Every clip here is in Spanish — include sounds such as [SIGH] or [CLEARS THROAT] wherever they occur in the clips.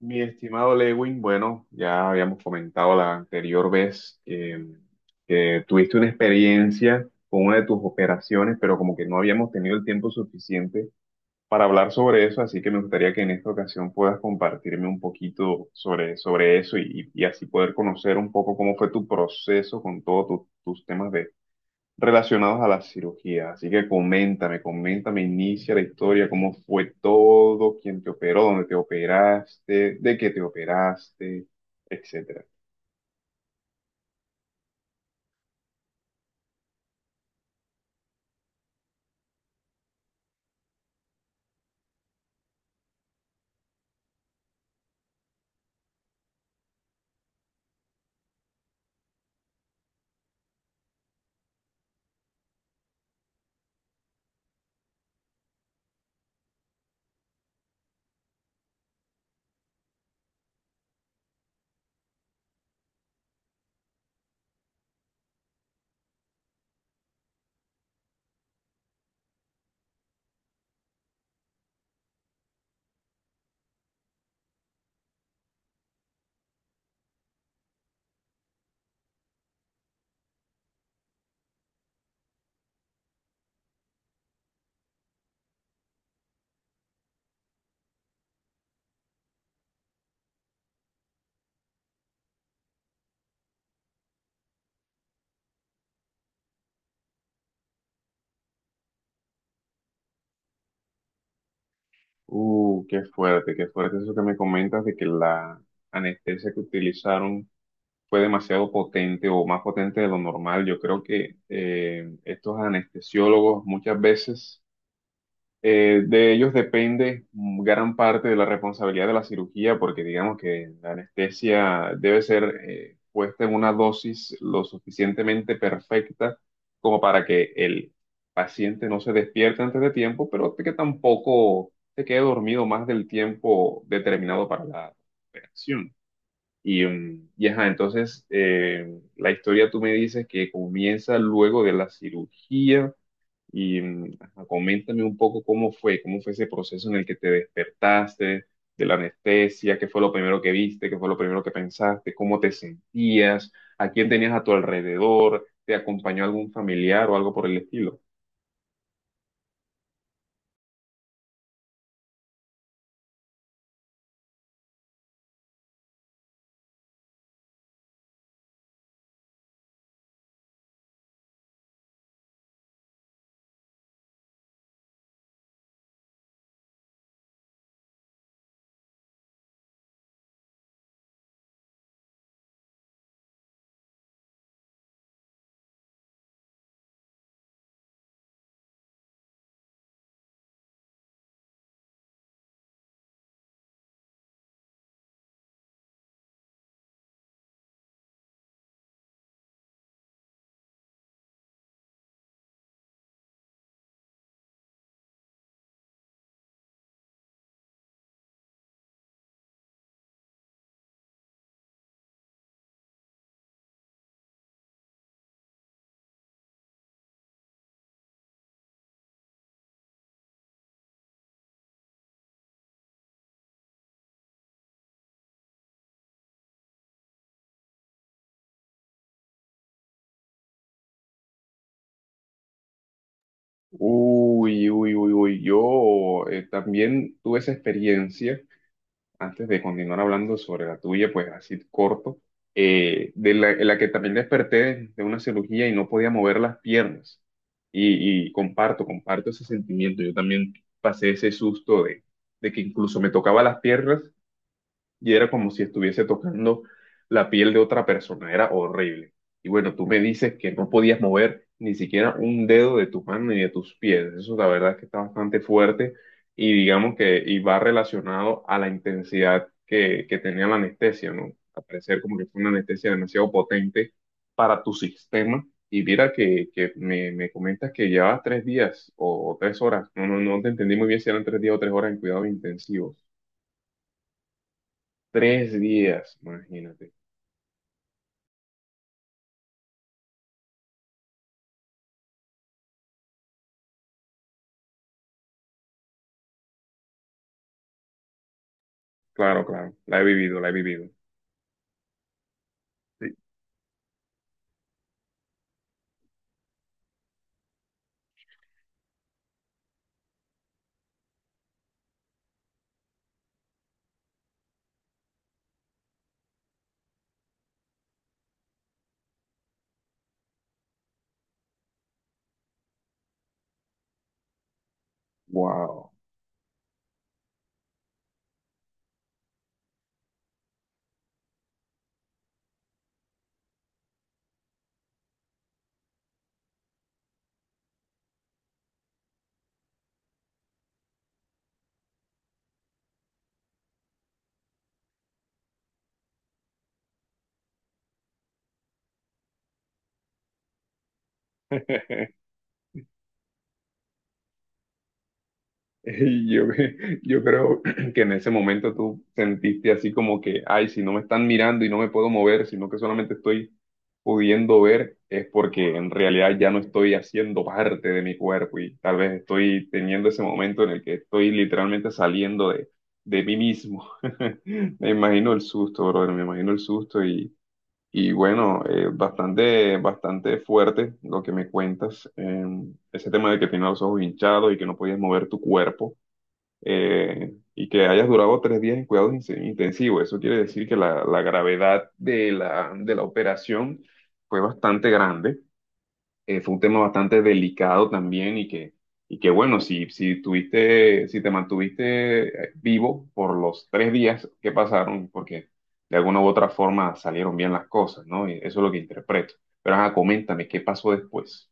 Mi estimado Lewin, bueno, ya habíamos comentado la anterior vez que tuviste una experiencia con una de tus operaciones, pero como que no habíamos tenido el tiempo suficiente para hablar sobre eso, así que me gustaría que en esta ocasión puedas compartirme un poquito sobre eso y así poder conocer un poco cómo fue tu proceso con todos tus temas relacionados a la cirugía. Así que coméntame, coméntame, inicia la historia, cómo fue todo, quién te operó, dónde te operaste, de qué te operaste, etcétera. Qué fuerte, qué fuerte eso que me comentas de que la anestesia que utilizaron fue demasiado potente o más potente de lo normal. Yo creo que estos anestesiólogos muchas veces. De ellos depende gran parte de la responsabilidad de la cirugía, porque digamos que la anestesia debe ser puesta en una dosis lo suficientemente perfecta como para que el paciente no se despierte antes de tiempo, pero que tampoco se quede dormido más del tiempo determinado para la operación. Y ajá, entonces la historia tú me dices que comienza luego de la cirugía y ajá, coméntame un poco cómo fue ese proceso en el que te despertaste de la anestesia, qué fue lo primero que viste, qué fue lo primero que pensaste, cómo te sentías, a quién tenías a tu alrededor, te acompañó algún familiar o algo por el estilo. Uy, uy, uy, uy, yo también tuve esa experiencia antes de continuar hablando sobre la tuya, pues así corto, en la que también desperté una cirugía y no podía mover las piernas. Y comparto, comparto ese sentimiento. Yo también pasé ese susto de que incluso me tocaba las piernas y era como si estuviese tocando la piel de otra persona, era horrible. Y bueno, tú me dices que no podías mover ni siquiera un dedo de tu mano ni de tus pies, eso la verdad es que está bastante fuerte y digamos que y va relacionado a la intensidad que tenía la anestesia, ¿no? Al parecer como que fue una anestesia demasiado potente para tu sistema. Y mira que, que me comentas que llevabas 3 días o 3 horas. No, no, no te entendí muy bien si eran 3 días o 3 horas en cuidados intensivos. Tres días, imagínate. Claro, claro, la he vivido, la he vivido. Sí. Wow. [LAUGHS] Y yo creo [CLEARS THROAT] que en ese momento tú sentiste así como que, ay, si no me están mirando y no me puedo mover, sino que solamente estoy pudiendo ver, es porque en realidad ya no estoy haciendo parte de mi cuerpo y tal vez estoy teniendo ese momento en el que estoy literalmente saliendo de mí mismo. [LAUGHS] Me imagino el susto, brother, me imagino el susto. Y bueno, bastante, bastante fuerte lo que me cuentas. Ese tema de que tienes los ojos hinchados y que no podías mover tu cuerpo y que hayas durado 3 días en cuidados intensivos. Eso quiere decir que la gravedad de la operación fue bastante grande. Fue un tema bastante delicado también y que bueno, si te mantuviste vivo por los 3 días que pasaron, porque de alguna u otra forma salieron bien las cosas, ¿no? Y eso es lo que interpreto. Pero ajá, coméntame, ¿qué pasó después?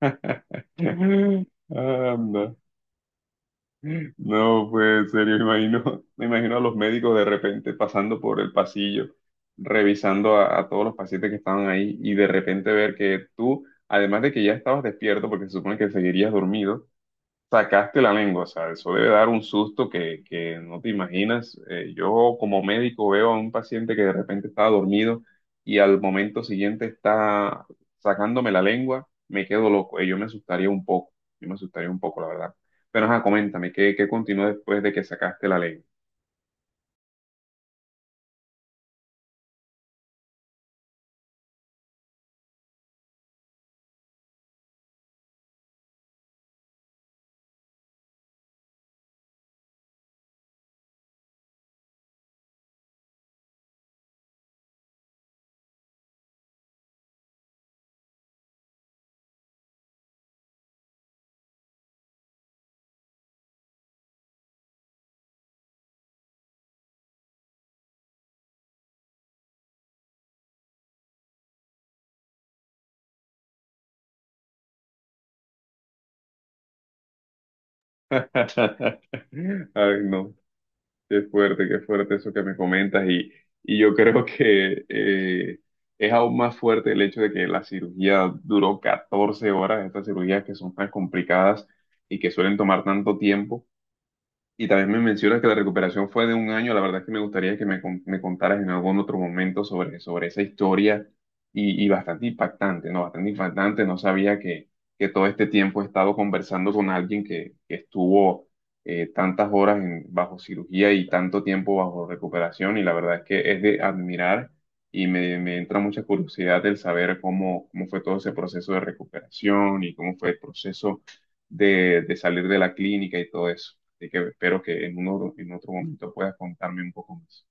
[LAUGHS] Anda. No, pues en serio, me imagino, [LAUGHS] me imagino a los médicos de repente pasando por el pasillo, revisando a todos los pacientes que estaban ahí y de repente ver que tú, además de que ya estabas despierto, porque se supone que seguirías dormido, sacaste la lengua, o sea, eso debe dar un susto que no te imaginas. Yo como médico veo a un paciente que de repente estaba dormido y al momento siguiente está sacándome la lengua, me quedo loco. Yo me asustaría un poco, yo me asustaría un poco, la verdad. Pero ajá, coméntame, ¿Qué continuó después de que sacaste la lengua? [LAUGHS] Ay, no. Qué fuerte eso que me comentas y yo creo [LAUGHS] que es aún más fuerte el hecho de que la cirugía duró 14 horas, estas cirugías que son tan complicadas y que suelen tomar tanto tiempo. Y también me mencionas que la recuperación fue de un año. La verdad es que me gustaría que me contaras en algún otro momento sobre esa historia y bastante impactante, ¿no? Bastante impactante. No sabía que todo este tiempo he estado conversando con alguien que estuvo tantas horas bajo cirugía y tanto tiempo bajo recuperación. Y la verdad es que es de admirar y me entra mucha curiosidad el saber cómo, cómo fue todo ese proceso de recuperación y cómo fue el proceso de salir de la clínica y todo eso. Así que espero que en otro momento puedas contarme un poco más.